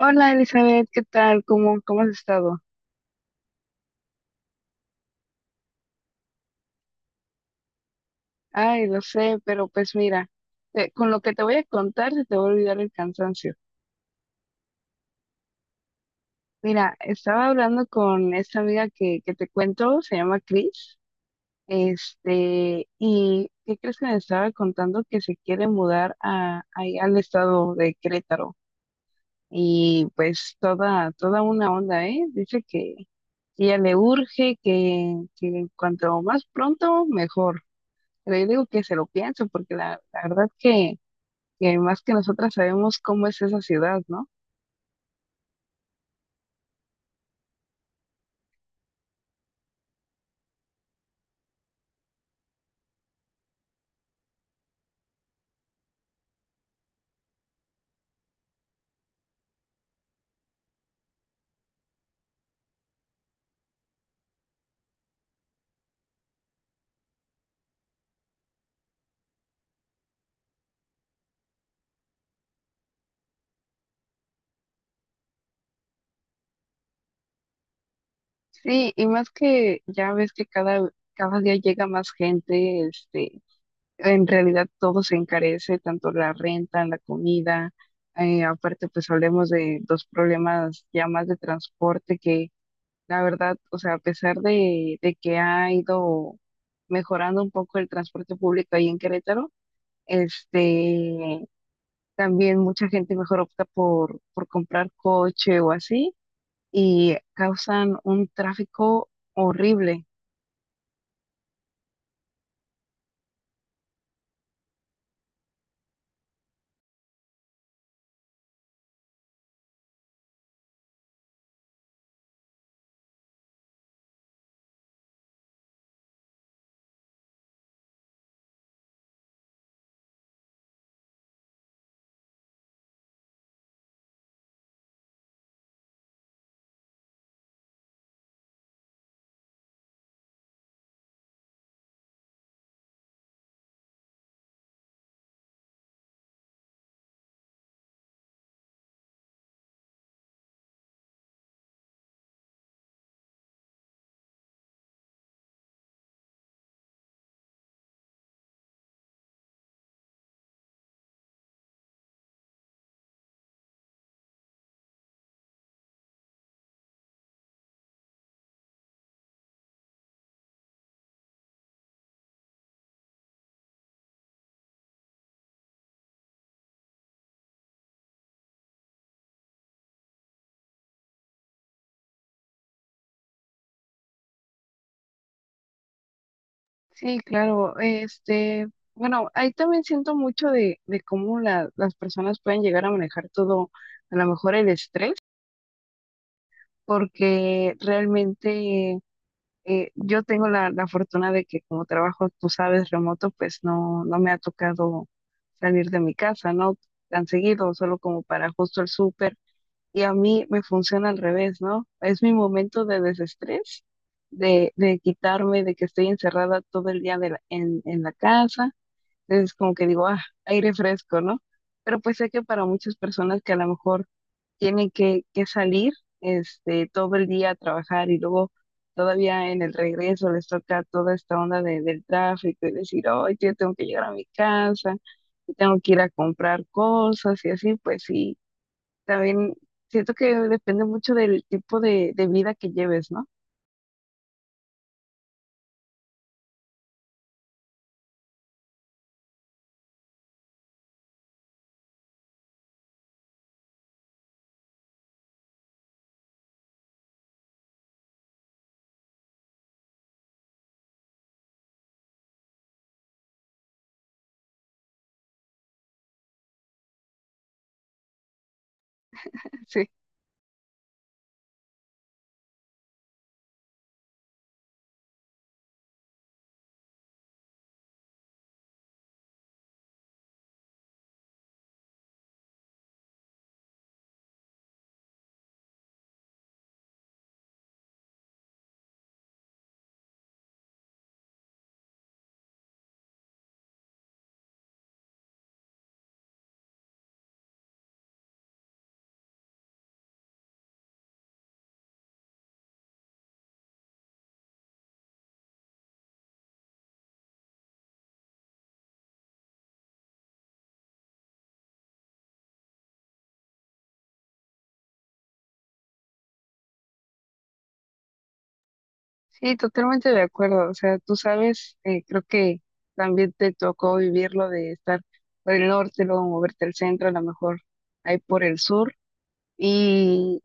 Hola Elizabeth, ¿qué tal? ¿Cómo has estado? Ay, lo sé, pero pues mira, con lo que te voy a contar se te va a olvidar el cansancio. Mira, estaba hablando con esta amiga que te cuento, se llama Chris, y ¿qué crees que me estaba contando? Que se quiere mudar ahí al estado de Querétaro. Y pues toda una onda, ¿eh? Dice que ella le urge, que cuanto más pronto, mejor. Pero yo digo que se lo piensen, porque la verdad que más que nosotras sabemos cómo es esa ciudad, ¿no? Sí, y más que ya ves que cada día llega más gente, en realidad todo se encarece, tanto la renta, la comida, aparte pues hablemos de dos problemas ya más de transporte que la verdad, o sea, a pesar de que ha ido mejorando un poco el transporte público ahí en Querétaro, este, también mucha gente mejor opta por comprar coche o así y causan un tráfico horrible. Sí, claro, este, bueno, ahí también siento mucho de cómo las personas pueden llegar a manejar todo, a lo mejor el estrés, porque realmente yo tengo la fortuna de que como trabajo, tú sabes, remoto, pues no, no me ha tocado salir de mi casa, ¿no? Tan seguido, solo como para justo el súper. Y a mí me funciona al revés, ¿no? Es mi momento de desestrés, de quitarme, de que estoy encerrada todo el día en la casa. Entonces, como que digo, ah, aire fresco, ¿no? Pero pues sé que para muchas personas que a lo mejor tienen que salir, este, todo el día a trabajar y luego todavía en el regreso les toca toda esta onda del tráfico y decir, oh, yo tengo que llegar a mi casa y tengo que ir a comprar cosas y así, pues sí también siento que depende mucho del tipo de vida que lleves, ¿no? Sí, sí, totalmente de acuerdo. O sea, tú sabes, creo que también te tocó vivirlo de estar por el norte, luego moverte al centro, a lo mejor ahí por el sur. Y,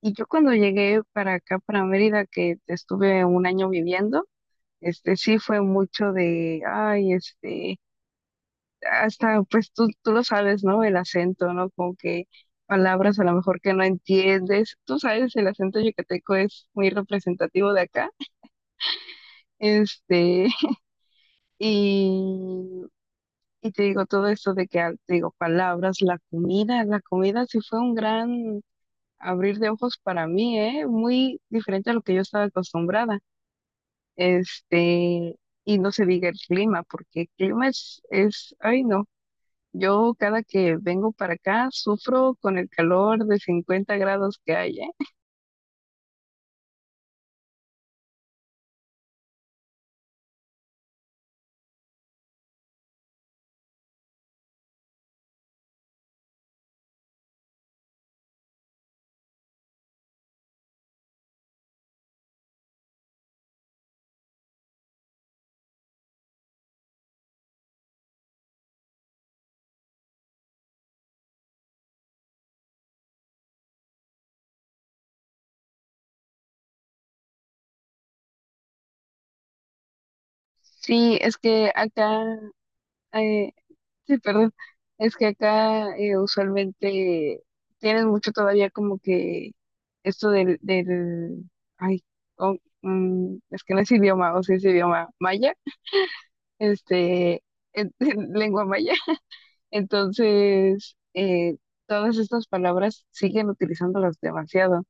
y yo cuando llegué para acá, para Mérida, que estuve un año viviendo, este sí fue mucho de, ay, este hasta pues tú lo sabes, ¿no? El acento, ¿no? Como que palabras a lo mejor que no entiendes. Tú sabes, el acento yucateco es muy representativo de acá. Este, y, y te digo todo esto de que, ah, te digo, palabras, la comida sí fue un gran abrir de ojos para mí, ¿eh? Muy diferente a lo que yo estaba acostumbrada. Este, y no se diga el clima, porque el clima es, ay, no. Yo cada que vengo para acá sufro con el calor de 50 grados que hay, ¿eh? Sí, es que acá, eh, sí, perdón, es que acá usualmente tienes mucho todavía como que esto del, ay, oh, mm, es que no es idioma, o si es idioma maya, este, lengua maya. Entonces, todas estas palabras siguen utilizándolas demasiado,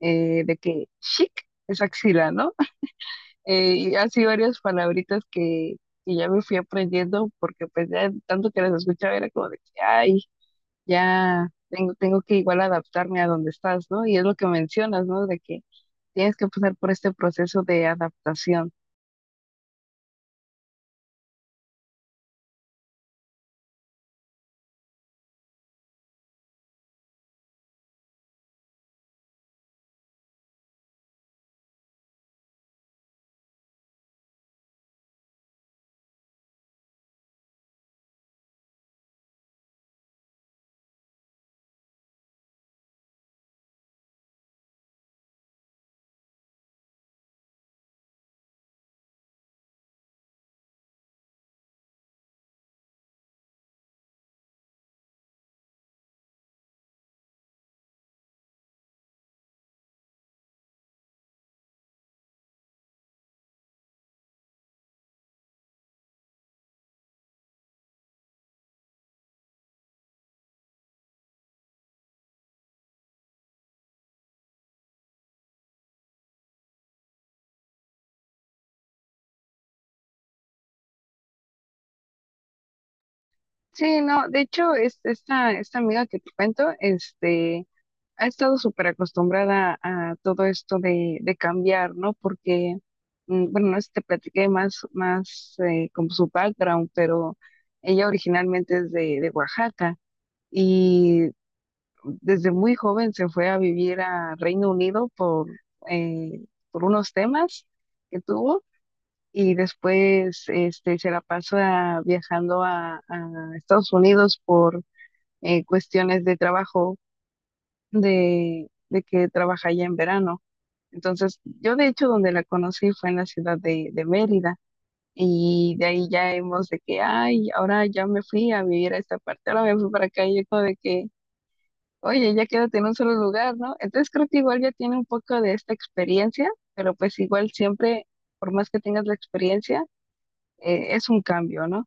de que chic es axila, ¿no? Y así varias palabritas que ya me fui aprendiendo porque pues ya tanto que las escuchaba era como de que, ay, ya tengo que igual adaptarme a donde estás, ¿no? Y es lo que mencionas, ¿no? De que tienes que pasar por este proceso de adaptación. Sí, no, de hecho, esta amiga que te cuento, este, ha estado súper acostumbrada a todo esto de cambiar, ¿no? Porque, mm, bueno, no sé si te platiqué más como su background, pero ella originalmente es de Oaxaca y desde muy joven se fue a vivir a Reino Unido eh, por unos temas que tuvo y después este, se la pasó viajando a Estados Unidos por cuestiones de trabajo de que trabaja allá en verano. Entonces, yo de hecho donde la conocí fue en la ciudad de Mérida y de ahí ya hemos de que, ay, ahora ya me fui a vivir a esta parte, ahora me fui para acá y yo como de que, oye, ya quédate en un solo lugar, ¿no? Entonces creo que igual ya tiene un poco de esta experiencia, pero pues igual siempre, por más que tengas la experiencia, es un cambio, ¿no?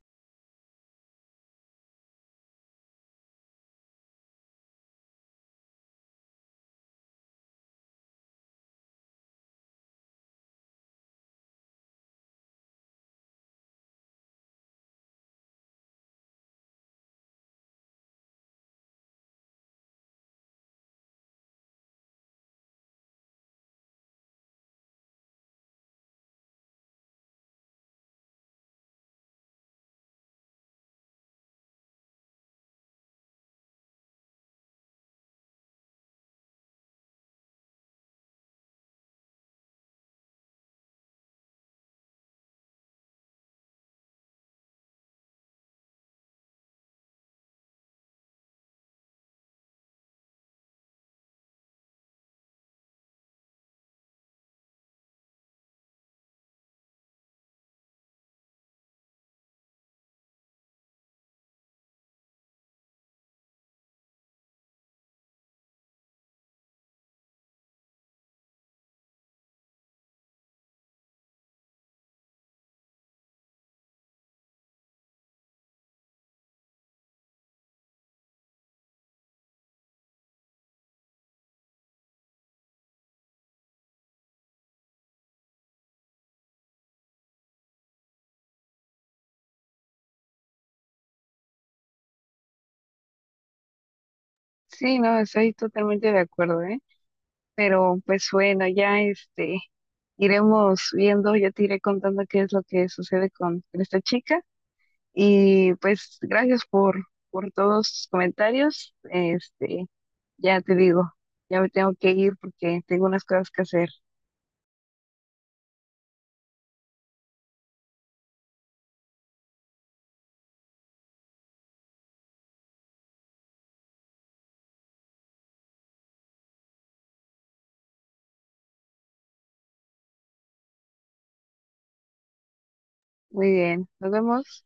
Sí, no, estoy totalmente de acuerdo, ¿eh? Pero pues bueno, ya este, iremos viendo, yo te iré contando qué es lo que sucede con esta chica. Y pues gracias por todos tus comentarios. Este, ya te digo, ya me tengo que ir porque tengo unas cosas que hacer. Muy bien, nos vemos.